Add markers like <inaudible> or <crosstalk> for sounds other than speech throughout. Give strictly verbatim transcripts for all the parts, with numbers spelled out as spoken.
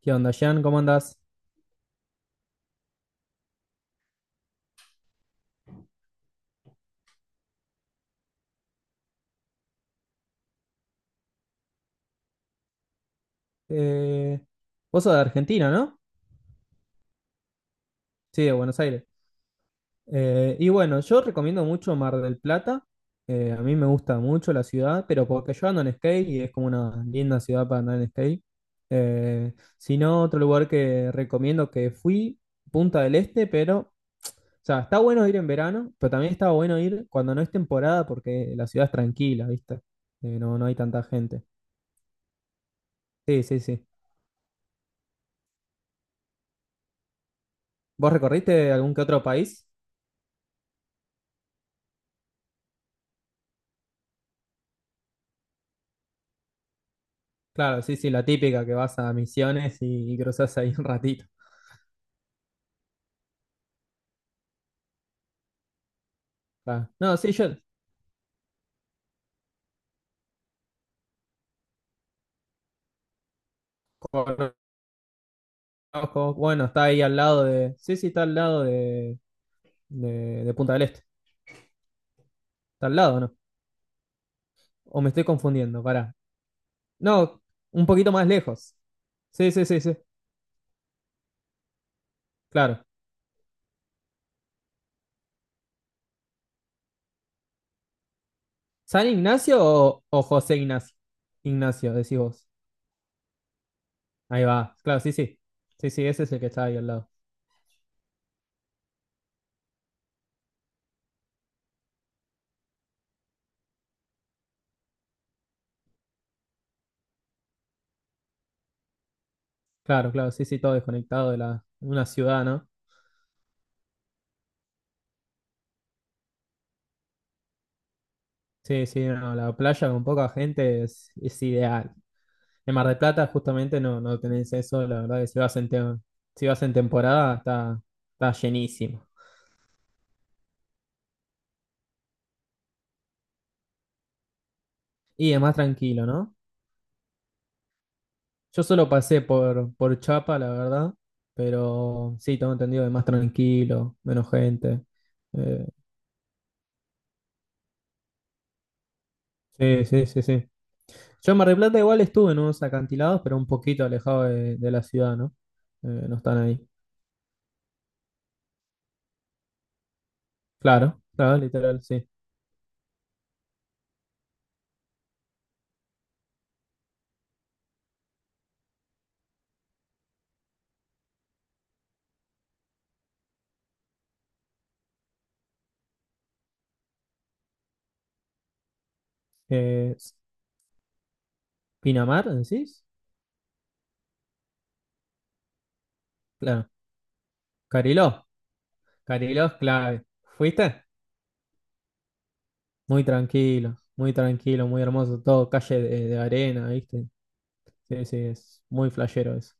¿Qué onda, Jean? ¿Cómo andás? Eh, Vos sos de Argentina, ¿no? Sí, de Buenos Aires. Eh, y bueno, yo recomiendo mucho Mar del Plata. Eh, a mí me gusta mucho la ciudad, pero porque yo ando en skate y es como una linda ciudad para andar en skate. Eh, si no, otro lugar que recomiendo que fui, Punta del Este, pero, o sea, está bueno ir en verano, pero también está bueno ir cuando no es temporada porque la ciudad es tranquila, ¿viste? Eh, no, no hay tanta gente. Sí, sí, sí. ¿Vos recorriste algún que otro país? Claro, sí, sí, la típica que vas a Misiones y, cruzas ahí <laughs> un ratito. Claro. No, sí, yo conozco, bueno, está ahí al lado de, sí, sí, está al lado de, de, de Punta del Este. Está al lado, ¿no? O me estoy confundiendo, pará. No, un poquito más lejos. Sí, sí, sí, sí, claro. ¿San Ignacio o, o José Ignacio? Ignacio, decís vos. Ahí va, claro, sí, sí. Sí, sí, ese es el que está ahí al lado. Claro, claro, sí, sí, todo desconectado de la, una ciudad, ¿no? Sí, sí, no, la playa con poca gente es, es ideal. En Mar del Plata justamente no, no tenés eso, la verdad que si vas en, tem- si vas en temporada está, está llenísimo. Y es más tranquilo, ¿no? Yo solo pasé por, por Chapa, la verdad, pero sí, tengo entendido que es más tranquilo, menos gente. Eh, sí, sí, sí, sí. Yo en Mar del Plata igual estuve en unos acantilados, pero un poquito alejado de, de la ciudad, ¿no? Eh, no están ahí. Claro, claro, literal, sí. Eh, ¿Pinamar, decís? Claro. Cariló. Cariló es clave. ¿Fuiste? Muy tranquilo, muy tranquilo, muy hermoso. Todo calle de, de arena, ¿viste? Sí, sí, es muy flashero eso.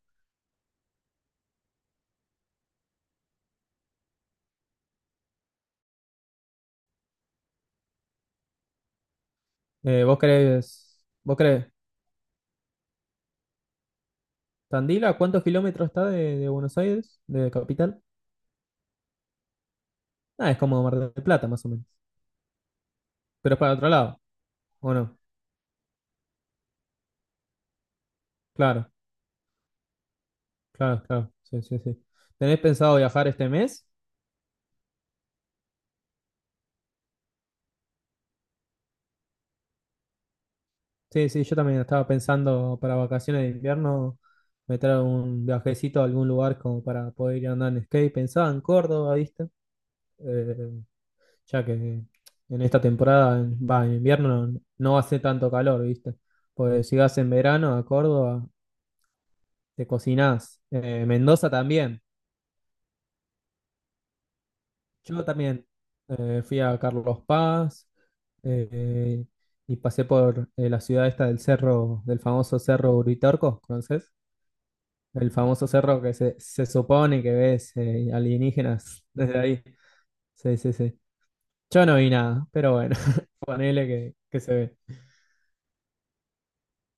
Eh, ¿vos crees? ¿Vos crees? ¿Tandil a cuántos kilómetros está de, de Buenos Aires, de capital? Ah, es como Mar del Plata, más o menos. Pero es para otro lado, ¿o no? Claro, claro, claro. Sí, sí, sí. ¿Tenés pensado viajar este mes? Sí, sí, yo también estaba pensando para vacaciones de invierno meter un viajecito a algún lugar como para poder ir a andar en skate. Pensaba en Córdoba, ¿viste? Eh, ya que en esta temporada, en- va, en invierno no, no hace tanto calor, ¿viste? Pues si vas en verano a Córdoba, te cocinás. Eh, Mendoza también. Yo también eh, fui a Carlos Paz eh, y pasé por eh, la ciudad esta del cerro, del famoso cerro Uritorco, ¿conoces? El famoso cerro que se, se supone que ves eh, alienígenas <laughs> desde ahí. Sí, sí, sí. Yo no vi nada, pero bueno, <laughs> ponele que, que se ve.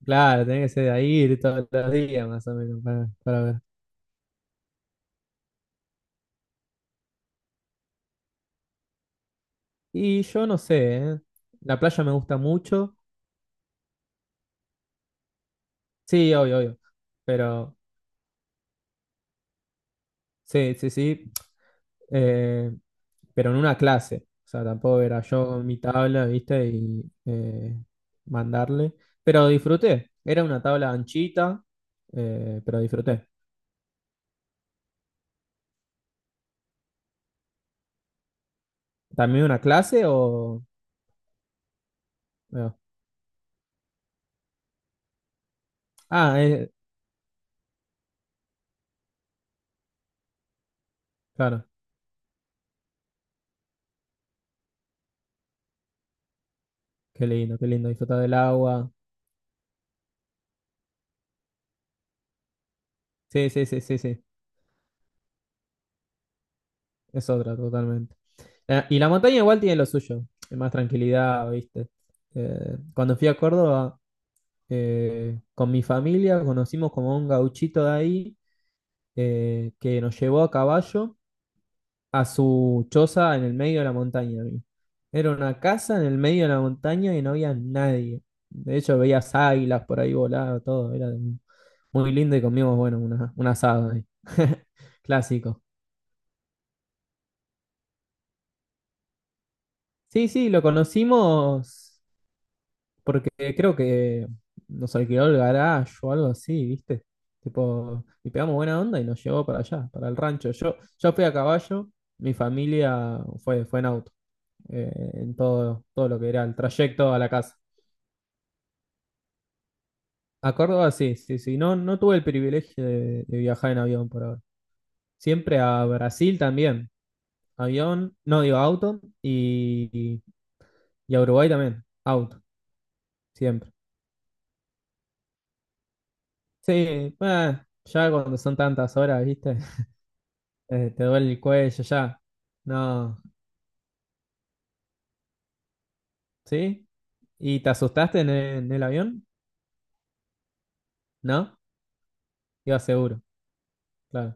Claro, tenés que ser de ahí ir todos los días más o menos para, para ver. Y yo no sé, ¿eh? La playa me gusta mucho. Sí, obvio, obvio. Pero sí, sí, sí. eh, pero en una clase. O sea, tampoco era yo con mi tabla, ¿viste? Y eh, mandarle. Pero disfruté. Era una tabla anchita, eh, pero disfruté. ¿También una clase o...? No? Ah, eh, claro. Qué lindo, qué lindo. Disfrutar del agua. Sí, sí, sí, sí, sí. Es otra totalmente. Eh, y la montaña igual tiene lo suyo, eh, más tranquilidad, ¿viste? Eh, cuando fui a Córdoba, eh, con mi familia conocimos como un gauchito de ahí eh, que nos llevó a caballo a su choza en el medio de la montaña, amigo. Era una casa en el medio de la montaña y no había nadie. De hecho, veías águilas por ahí volar, todo. Era mu- muy lindo y comimos, bueno, una, un asado ahí. <laughs> Clásico. Sí, sí, lo conocimos. Porque creo que nos alquiló el garage o algo así, ¿viste? Tipo, y pegamos buena onda y nos llevó para allá, para el rancho. Yo, yo fui a caballo, mi familia fue, fue, en auto, eh, en todo, todo lo que era el trayecto a la casa. A Córdoba sí, sí, sí. No, no tuve el privilegio de, de viajar en avión por ahora. Siempre a Brasil también, avión, no digo auto, y, y a Uruguay también, auto, siempre. Sí, eh, ya cuando son tantas horas, ¿viste? Eh, te duele el cuello ya. No, ¿sí? ¿Y te asustaste en el, en el avión? ¿No? Iba seguro, claro.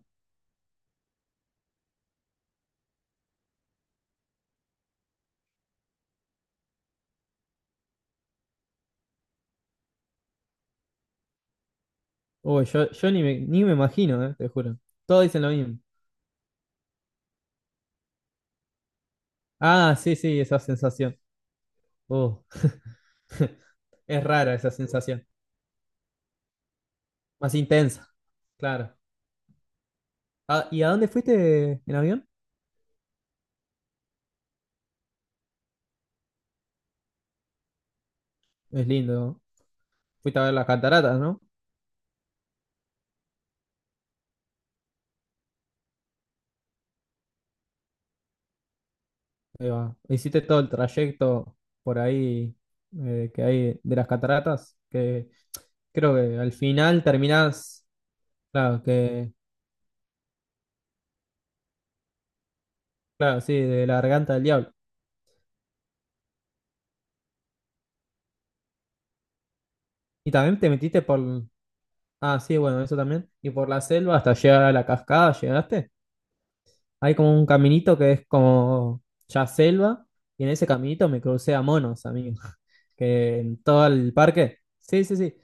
Uy, yo, yo ni me, ni me imagino, eh, te juro. Todos dicen lo mismo. Ah, sí, sí, esa sensación. Uh, <laughs> es rara esa sensación. Más intensa, claro. Ah, ¿y a dónde fuiste en avión? Es lindo, ¿no? Fuiste a ver las cataratas, ¿no? Ahí va. Hiciste todo el trayecto por ahí eh, que hay de las cataratas, que creo que al final terminás. Claro, que, claro, sí, de la garganta del diablo. Y también te metiste por, ah, sí, bueno, eso también. Y por la selva hasta llegar a la cascada, ¿llegaste? Hay como un caminito que es como ya selva, y en ese caminito me crucé a monos, amigo, <laughs> que en todo el parque, sí, sí, sí,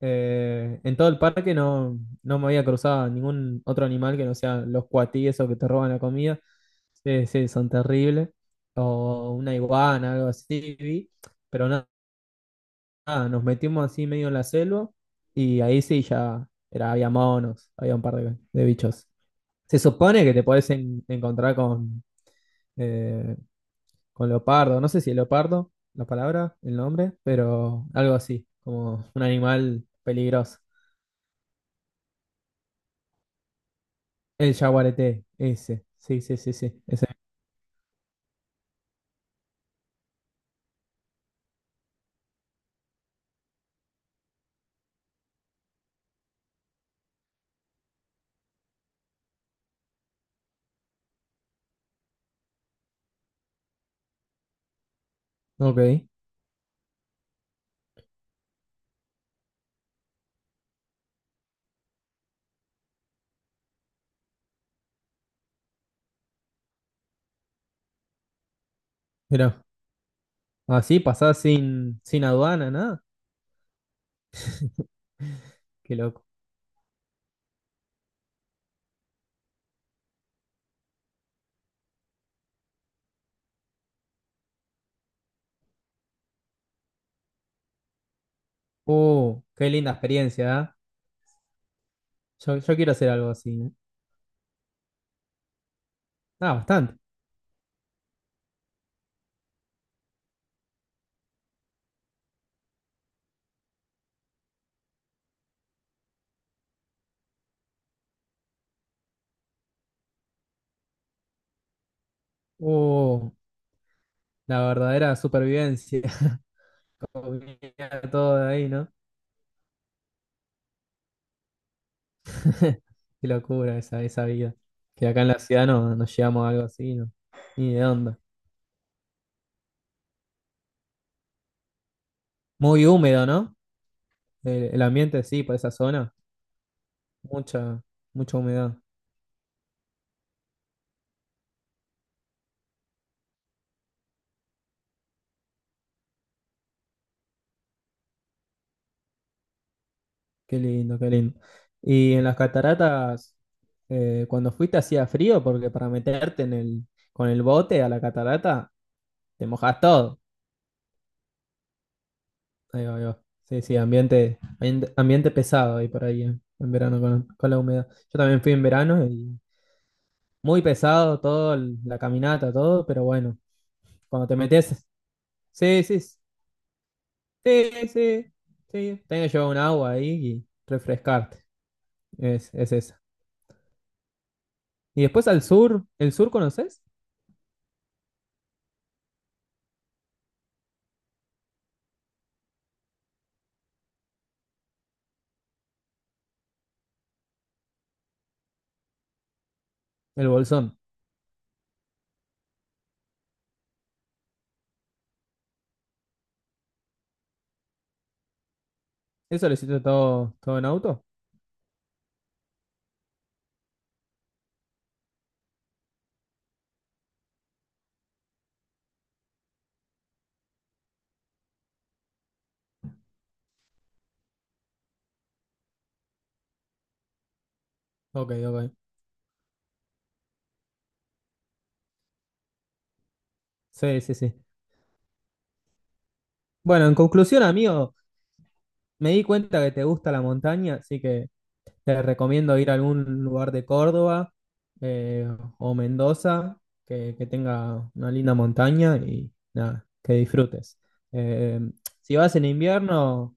eh, en todo el parque no, no me había cruzado ningún otro animal que no sean los cuatíes o que te roban la comida. Sí, sí, son terribles. O una iguana, algo así, vi. Pero nada nada, nos metimos así medio en la selva y ahí sí ya era, había monos, había un par de, de bichos. Se supone que te podés en- encontrar con, eh, con leopardo, no sé si leopardo, la palabra, el nombre, pero algo así, como un animal peligroso. El yaguareté, ese, sí, sí, sí, sí, ese. Ok, mira, así pasás sin, sin aduana, nada, qué loco. Uh, qué linda experiencia, ¿eh? Yo, yo quiero hacer algo así, ¿eh? Ah, bastante. Oh, la verdadera supervivencia, <laughs> comía todo de ahí, ¿no? <laughs> Qué locura esa, esa vida. Que acá en la ciudad no, no llegamos a algo así, ¿no? Ni de onda. Muy húmedo, ¿no? El, el ambiente, sí, por esa zona. Mucha, mucha humedad. Qué lindo, qué lindo. Y en las cataratas, eh, cuando fuiste hacía frío, porque para meterte en el, con el bote a la catarata, te mojas todo. Ahí va, ahí va. Sí, sí, ambiente, ambiente, ambiente pesado ahí por ahí, en, en verano con, con la humedad. Yo también fui en verano y muy pesado todo, el- la caminata, todo, pero bueno, cuando te metes, sí, sí, sí, sí, sí, sí, tenés que llevar un agua ahí y refrescarte, es, es esa. Y después al sur, ¿el sur conoces? El Bolsón. ¿Eso lo hiciste todo, todo en auto? Ok, ok. Sí, sí, sí. Bueno, en conclusión, amigo, me di cuenta que te gusta la montaña, así que te recomiendo ir a algún lugar de Córdoba eh, o Mendoza que, que tenga una linda montaña y nada, que disfrutes. Eh, si vas en invierno,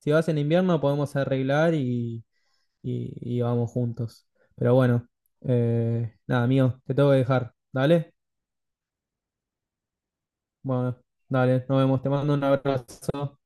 si vas en invierno podemos arreglar y, y- y vamos juntos. Pero bueno, eh, nada, amigo, te tengo que dejar. ¿Dale? Bueno, dale, nos vemos. Te mando un abrazo.